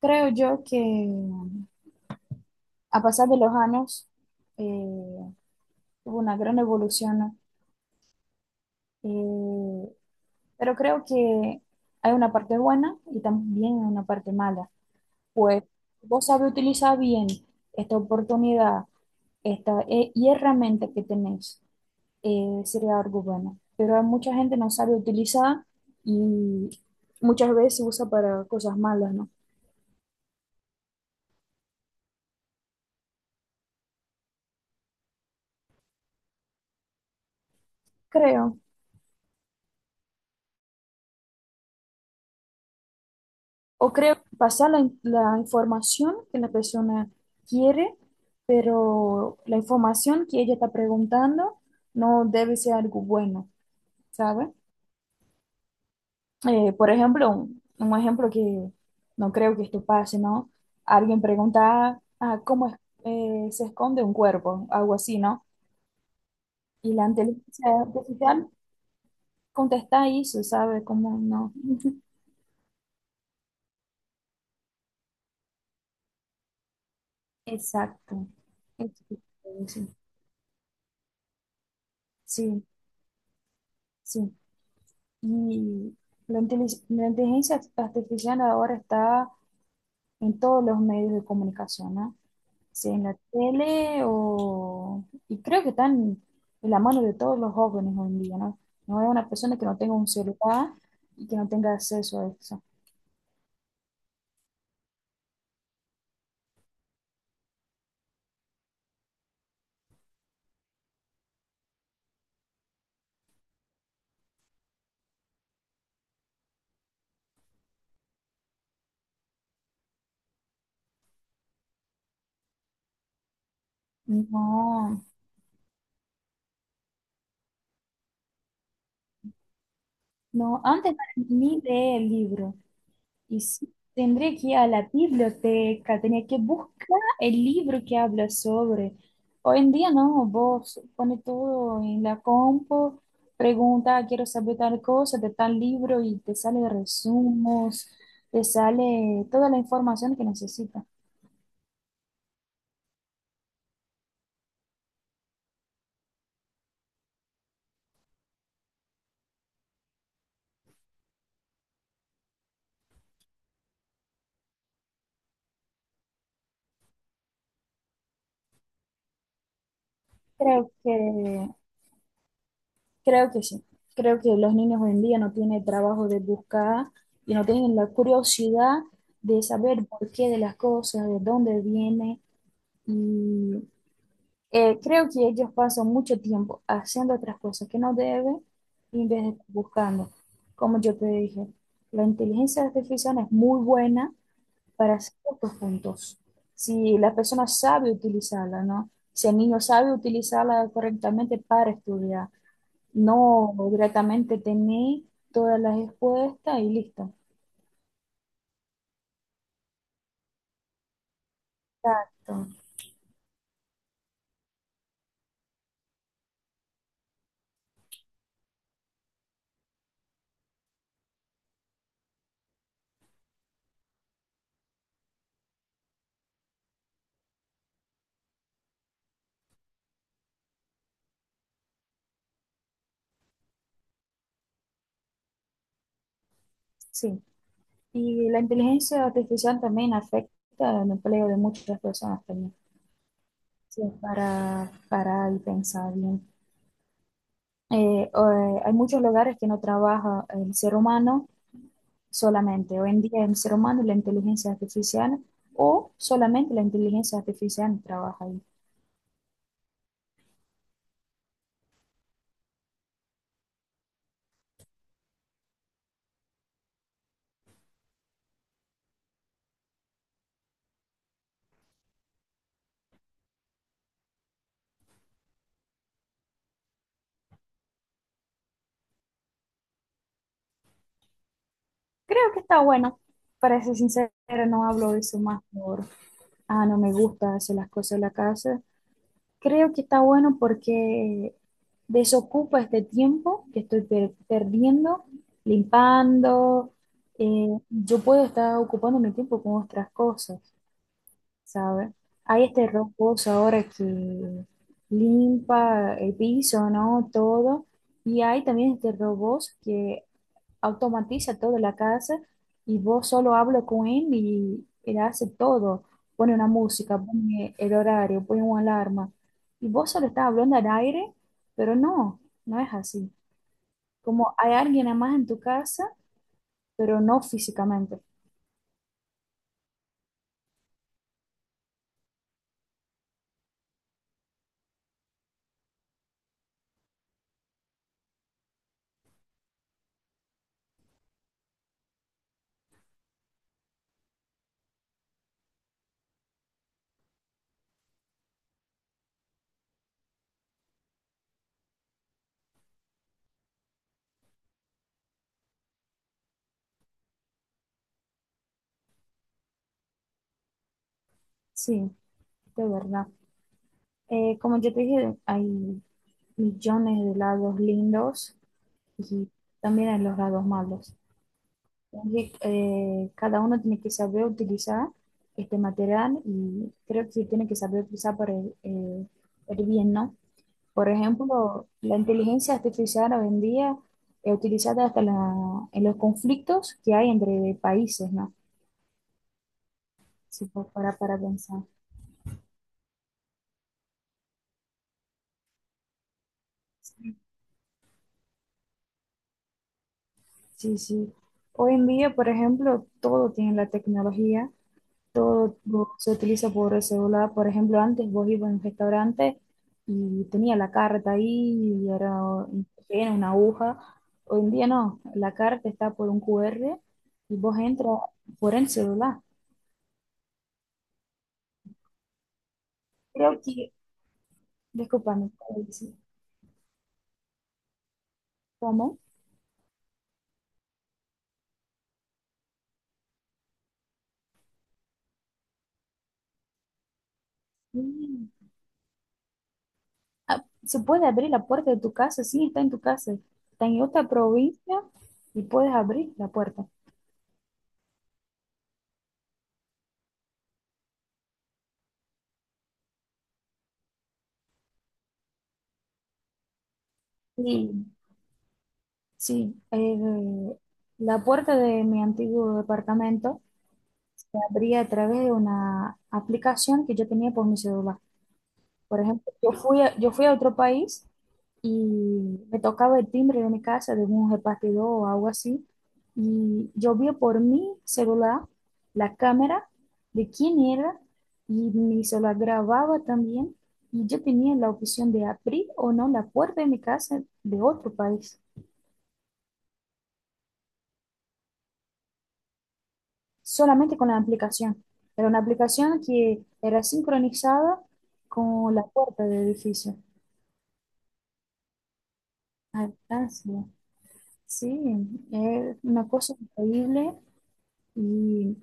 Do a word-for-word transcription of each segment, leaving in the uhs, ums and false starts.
Creo yo que a pasar de los años eh, hubo una gran evolución, ¿no? Eh, pero creo que hay una parte buena y también una parte mala. Pues vos sabés utilizar bien esta oportunidad esta, eh, y herramienta que tenés, eh, sería algo bueno. Pero hay mucha gente no sabe utilizar y muchas veces usa para cosas malas, ¿no? Creo O creo que pasa la, in- la información que la persona quiere, pero la información que ella está preguntando no debe ser algo bueno, ¿sabe? Eh, por ejemplo, un, un ejemplo que no creo que esto pase, ¿no? Alguien pregunta, ah, ah, ¿cómo es- eh, se esconde un cuerpo? Algo así, ¿no? Y la inteligencia artificial contesta eso, ¿sabe? Como no. Exacto. Exacto, sí, sí. Y la inteligencia, la inteligencia artificial ahora está en todos los medios de comunicación, ¿no? Sea en la tele o... Y creo que están en la mano de todos los jóvenes hoy en día, ¿no? No hay una persona que no tenga un celular y que no tenga acceso a eso. No, no, antes no era ni de libro. Y sí, tendría que ir a la biblioteca, tenía que buscar el libro que habla sobre. Hoy en día no, vos pones todo en la compu, pregunta, "Ah, quiero saber tal cosa de tal libro y te sale resumos, te sale toda la información que necesitas. Creo que, creo que sí. Creo que los niños hoy en día no tienen el trabajo de buscar y no tienen la curiosidad de saber por qué de las cosas, de dónde viene y Eh, creo que ellos pasan mucho tiempo haciendo otras cosas que no deben en vez de estar buscando. Como yo te dije, la inteligencia artificial es muy buena para ciertos puntos. Si la persona sabe utilizarla, ¿no? Si el niño sabe utilizarla correctamente para estudiar, no directamente tener todas las respuestas y listo. Exacto, sí. Y la inteligencia artificial también afecta el empleo de muchas personas también. Sí, para parar y pensar bien. Eh, o, eh, hay muchos lugares que no trabaja el ser humano solamente. Hoy en día el ser humano y la inteligencia artificial o solamente la inteligencia artificial trabaja ahí. Creo que está bueno. Para ser sincera no hablo de eso más por, ah, no me gusta hacer las cosas en la casa. Creo que está bueno porque desocupa este tiempo que estoy per- perdiendo, limpando. Eh, yo puedo estar ocupando mi tiempo con otras cosas, ¿sabes? Hay este robots ahora que limpa el piso, ¿no? Todo. Y hay también este robots que automatiza toda la casa y vos solo hablas con él y él hace todo. Pone una música, pone el horario, pone una alarma. Y vos solo estás hablando al aire, pero no, no es así. Como hay alguien más en tu casa, pero no físicamente. Sí, de verdad. Eh, como ya te dije, hay millones de lados lindos y también hay los lados malos. Entonces, eh, cada uno tiene que saber utilizar este material y creo que tiene que saber utilizar para el, eh, el bien, ¿no? Por ejemplo, la inteligencia artificial hoy en día es utilizada hasta la- en los conflictos que hay entre países, ¿no? Si po- para, para pensar. Sí, sí. Hoy en día, por ejemplo, todo tiene la tecnología todo lo- se utiliza por el celular. Por ejemplo, antes vos ibas a un restaurante y tenía la carta ahí y era un papel, una aguja. Hoy en día no, la carta está por un Q R y vos entras por el celular. Creo que, disculpame, ¿cómo? Mm. Ah, se puede abrir la puerta de tu casa, sí, está en tu casa, está en otra provincia y puedes abrir la puerta. Sí, sí, eh, la puerta de mi antiguo departamento se abría a través de una aplicación que yo tenía por mi celular. Por ejemplo, yo fui a, yo fui a otro país y me tocaba el timbre de mi casa de un repartidor o algo así, y yo vi por mi celular la cámara de quién era y mi celular grababa también, y yo tenía la opción de abrir o no la puerta de mi casa de otro país. Solamente con la aplicación. Era una aplicación que era sincronizada con la puerta del edificio. A distancia. Sí, es una cosa increíble. Y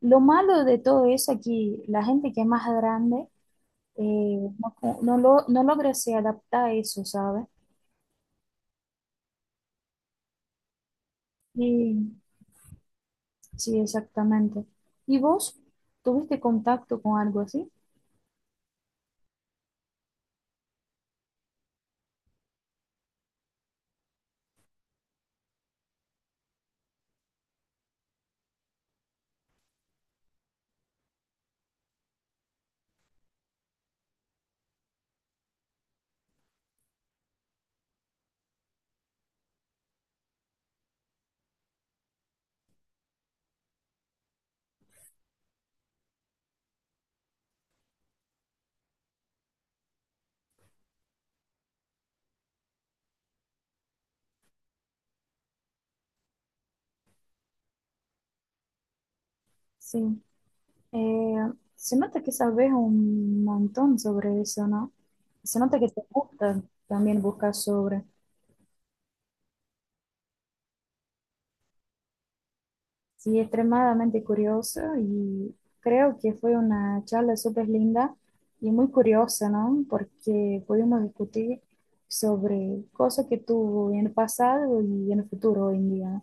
lo malo de todo eso es que la gente que es más grande eh, no, no lo- no logra se adaptar a eso, ¿sabes? Sí, sí, exactamente. ¿Y vos tuviste contacto con algo así? Sí. Eh, se nota que sabes un montón sobre eso, ¿no? Se nota que te gusta también buscar sobre. Sí, extremadamente curiosa y creo que fue una charla súper linda y muy curiosa, ¿no? Porque pudimos discutir sobre cosas que tuvo en el pasado y en el futuro hoy en día.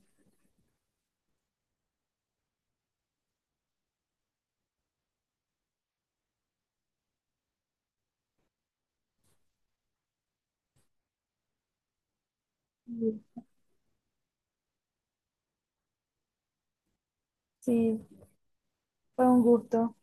Y sí, fue un gusto.